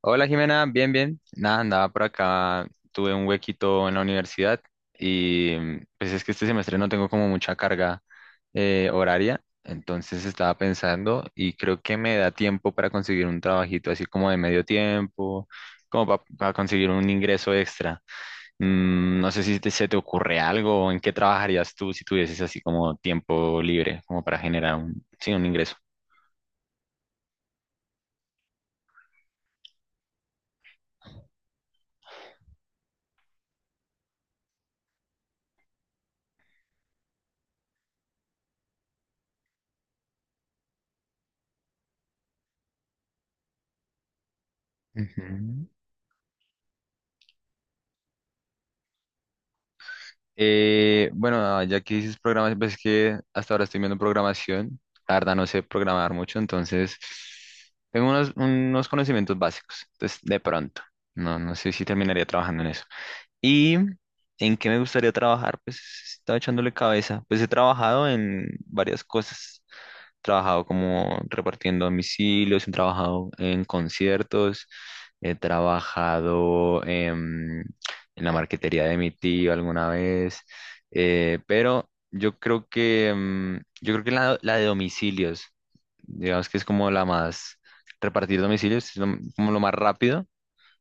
Hola Jimena, bien, bien. Nada, andaba por acá, tuve un huequito en la universidad y pues es que este semestre no tengo como mucha carga horaria. Entonces estaba pensando y creo que me da tiempo para conseguir un trabajito así como de medio tiempo, como para conseguir un ingreso extra. No sé si te- se te ocurre algo, o en qué trabajarías tú si tuvieses así como tiempo libre, como para generar un, sí, un ingreso. Ujú. Bueno, ya que dices programas, pues es que hasta ahora estoy viendo programación. La verdad no sé programar mucho, entonces tengo unos conocimientos básicos. Entonces, de pronto, no sé si terminaría trabajando en eso. ¿Y en qué me gustaría trabajar? Pues estaba echándole cabeza. Pues he trabajado en varias cosas. He trabajado como repartiendo domicilios, he trabajado en conciertos, he trabajado en la marquetería de mi tío alguna vez. Pero yo creo que yo creo que la de domicilios, digamos que es como la más repartir domicilios, es lo- como lo más rápido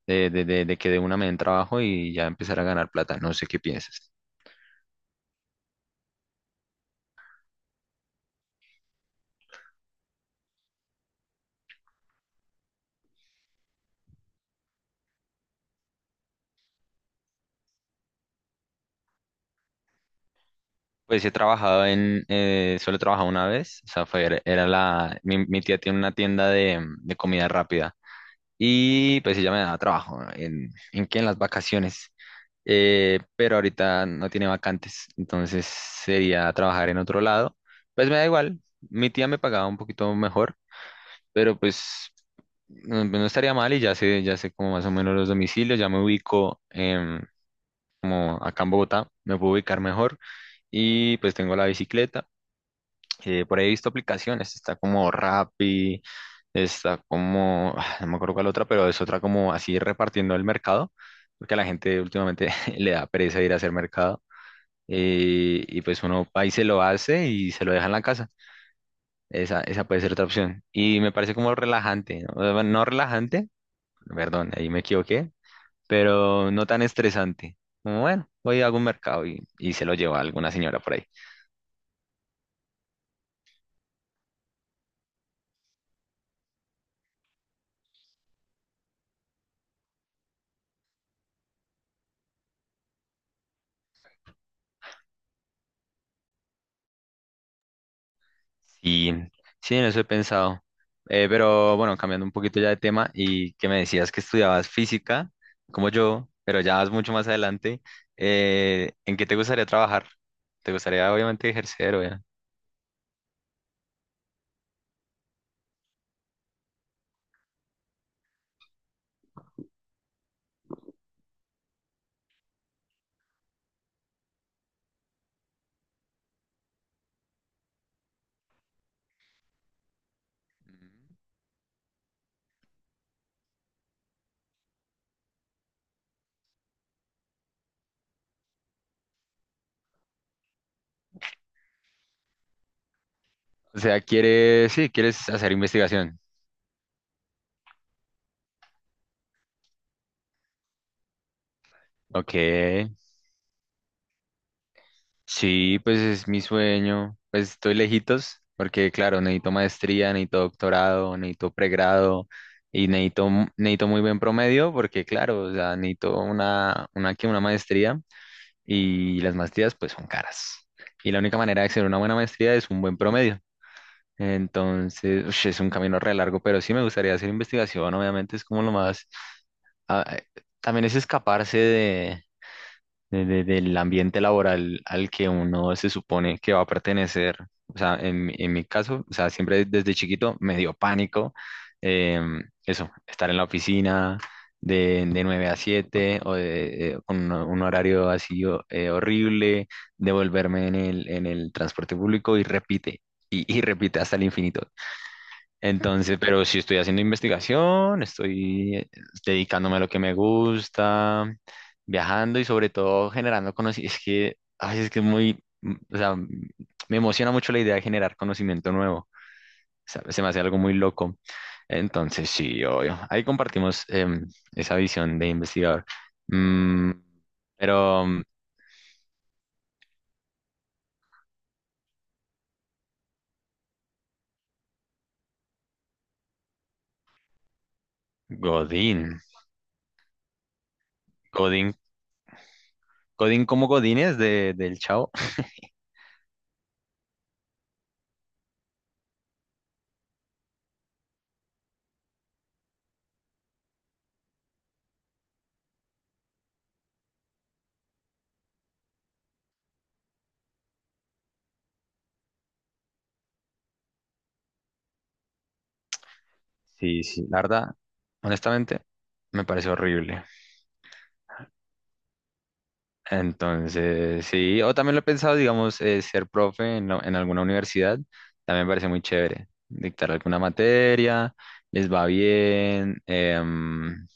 de que de una me den trabajo y ya empezar a ganar plata. No sé qué piensas. Pues he trabajado en, solo he trabajado una vez, o sea, fue, era mi tía tiene una tienda de comida rápida, y pues ella me daba trabajo, en qué? En las vacaciones. Pero ahorita no tiene vacantes, entonces sería trabajar en otro lado. Pues me da igual, mi tía me pagaba un poquito mejor, pero pues no estaría mal. Y ya sé como más o menos los domicilios, ya me ubico, como acá en Bogotá, me puedo ubicar mejor, y pues tengo la bicicleta. Por ahí he visto aplicaciones, está como Rappi, está como, ah, no me acuerdo cuál otra, pero es otra como así repartiendo el mercado, porque a la gente últimamente le da pereza ir a hacer mercado, y pues uno va y se lo hace y se lo deja en la casa. Esa puede ser otra opción. Y me parece como relajante, ¿no? O sea, bueno, no relajante, perdón, ahí me equivoqué, pero no tan estresante. Como, bueno, voy a algún mercado y se lo lleva alguna señora por ahí. Sí, sí, en eso he pensado. Pero bueno, cambiando un poquito ya de tema, y que me decías que estudiabas física, como yo, pero ya vas mucho más adelante, ¿en qué te gustaría trabajar? ¿Te gustaría obviamente ejercer o ya? O sea, quieres, sí, quieres hacer investigación. Ok, sí, pues es mi sueño. Pues estoy lejitos porque, claro, necesito maestría, necesito doctorado, necesito pregrado y necesito, mu- necesito muy buen promedio porque, claro, o sea, necesito una maestría, y las maestrías pues son caras. Y la única manera de hacer una buena maestría es un buen promedio. Entonces, ush, es un camino re largo, pero sí me gustaría hacer investigación, obviamente es como lo más... ah, también es escaparse del ambiente laboral al que uno se supone que va a pertenecer. O sea, en mi caso, o sea, siempre desde chiquito me dio pánico eso, estar en la oficina de 9 a 7, o de, con un horario así o- horrible, devolverme en en el transporte público y repite, y repite hasta el infinito. Entonces, pero sí estoy haciendo investigación, estoy dedicándome a lo que me gusta, viajando y sobre todo generando conocimiento. Es que, ay, es que es muy, o sea, me emociona mucho la idea de generar conocimiento nuevo. O sea, se me hace algo muy loco. Entonces, sí, obvio. Ahí compartimos esa visión de investigador. Mm, pero, mm, Godín, Godín, Godín como Godínez de, del Chavo. Sí, sí, la verdad, honestamente, me parece horrible. Entonces, sí, o también lo he pensado, digamos, ser profe en alguna universidad, también me parece muy chévere. Dictar alguna materia, les va bien.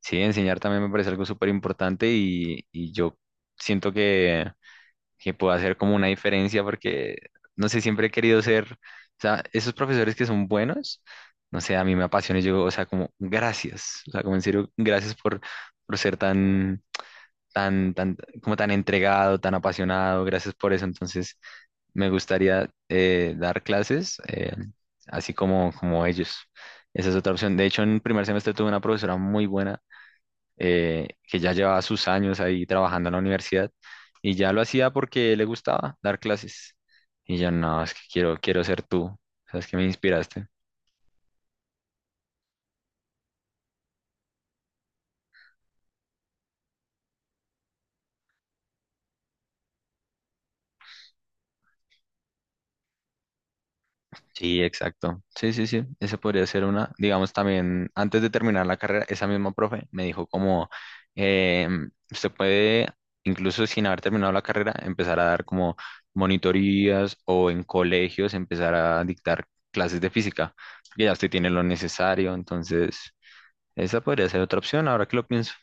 Sí, enseñar también me parece algo súper importante, y yo siento que pueda hacer como una diferencia porque, no sé, siempre he querido ser, o sea, esos profesores que son buenos, no sé, a mí me apasiona, y yo, o sea, como gracias, o sea, como en serio, gracias por ser tan, tan, tan, como tan entregado, tan apasionado, gracias por eso, entonces me gustaría dar clases, así como, como ellos. Esa es otra opción. De hecho, en primer semestre tuve una profesora muy buena, que ya llevaba sus años ahí trabajando en la universidad y ya lo hacía porque le gustaba dar clases. Y yo, no, es que quiero, quiero ser tú, sabes que me inspiraste. Sí, exacto. Sí, sí, sí, esa podría ser una. Digamos también, antes de terminar la carrera, esa misma profe me dijo como, eh, usted puede, incluso sin haber terminado la carrera, empezar a dar como monitorías, o en colegios empezar a dictar clases de física, porque ya usted tiene lo necesario, entonces esa podría ser otra opción, ahora que lo pienso.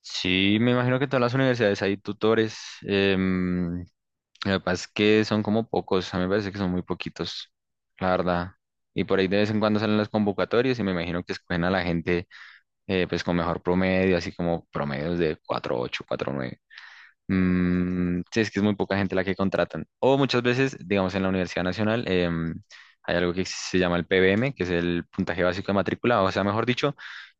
Sí, me imagino que en todas las universidades hay tutores. em, lo que pasa es que son como pocos, a mí me parece que son muy poquitos, la verdad. Y por ahí de vez en cuando salen las convocatorias y me imagino que escogen a la gente, pues con mejor promedio, así como promedios de 4.8, 4.9. Mm, sí, es que es muy poca gente la que contratan. O muchas veces, digamos, en la Universidad Nacional hay algo que se llama el PBM, que es el puntaje básico de matrícula, o sea, mejor dicho,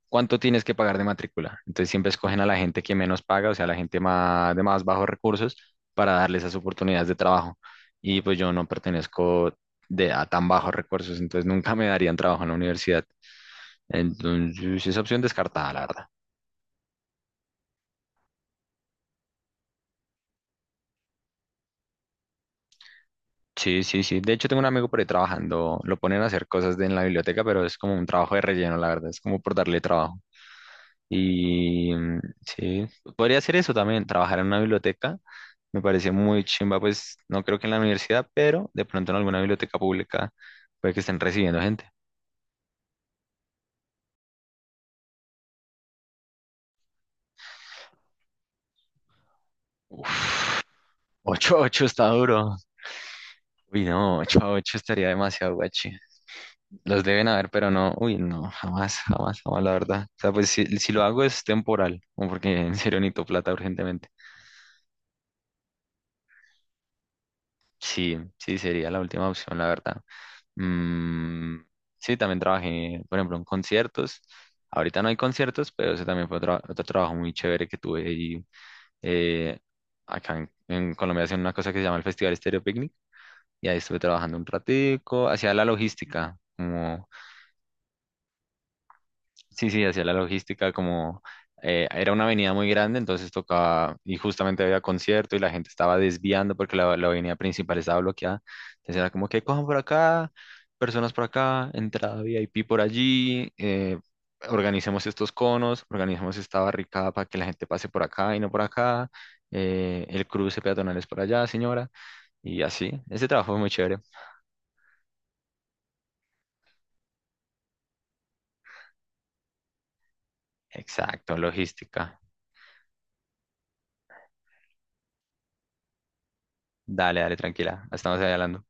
cuánto tienes que pagar de matrícula. Entonces siempre escogen a la gente que menos paga, o sea, a la gente más, de más bajos recursos, para darles esas oportunidades de trabajo. Y pues yo no pertenezco a tan bajos recursos, entonces nunca me darían trabajo en la universidad. Entonces esa opción descartada, la verdad. Sí, sí, sí. De hecho, tengo un amigo por ahí trabajando, lo ponen a hacer cosas de- en la biblioteca, pero es como un trabajo de relleno, la verdad, es como por darle trabajo. Y mm, sí, podría hacer eso también, trabajar en una biblioteca. Me parece muy chimba, pues no creo que en la universidad, pero de pronto en alguna biblioteca pública puede que estén recibiendo gente. Uf, ocho 8 está duro. Uy, no, 8-8 estaría demasiado guachi. Los deben haber, pero no, uy, no, jamás, jamás, jamás, la verdad. O sea, pues si, si lo hago es temporal, como porque en serio necesito plata urgentemente. Sí, sí, sería la última opción, la verdad. Mm, sí, también trabajé, por ejemplo, en conciertos. Ahorita no hay conciertos, pero ese también fue otra- otro, trabajo muy chévere que tuve y eh, acá en Colombia hacen una cosa que se llama el Festival Estéreo Picnic, y ahí estuve trabajando un ratico, hacía la logística, como sí, sí, hacía la logística como era una avenida muy grande, entonces tocaba, y justamente había concierto y la gente estaba desviando porque la avenida principal estaba bloqueada. Entonces era como que cojan por acá, personas por acá, entrada VIP por allí, organicemos estos conos, organicemos esta barricada para que la gente pase por acá y no por acá, el cruce peatonal es por allá, señora, y así. Ese trabajo fue muy chévere. Exacto, logística. Dale, dale, tranquila, estamos ahí hablando.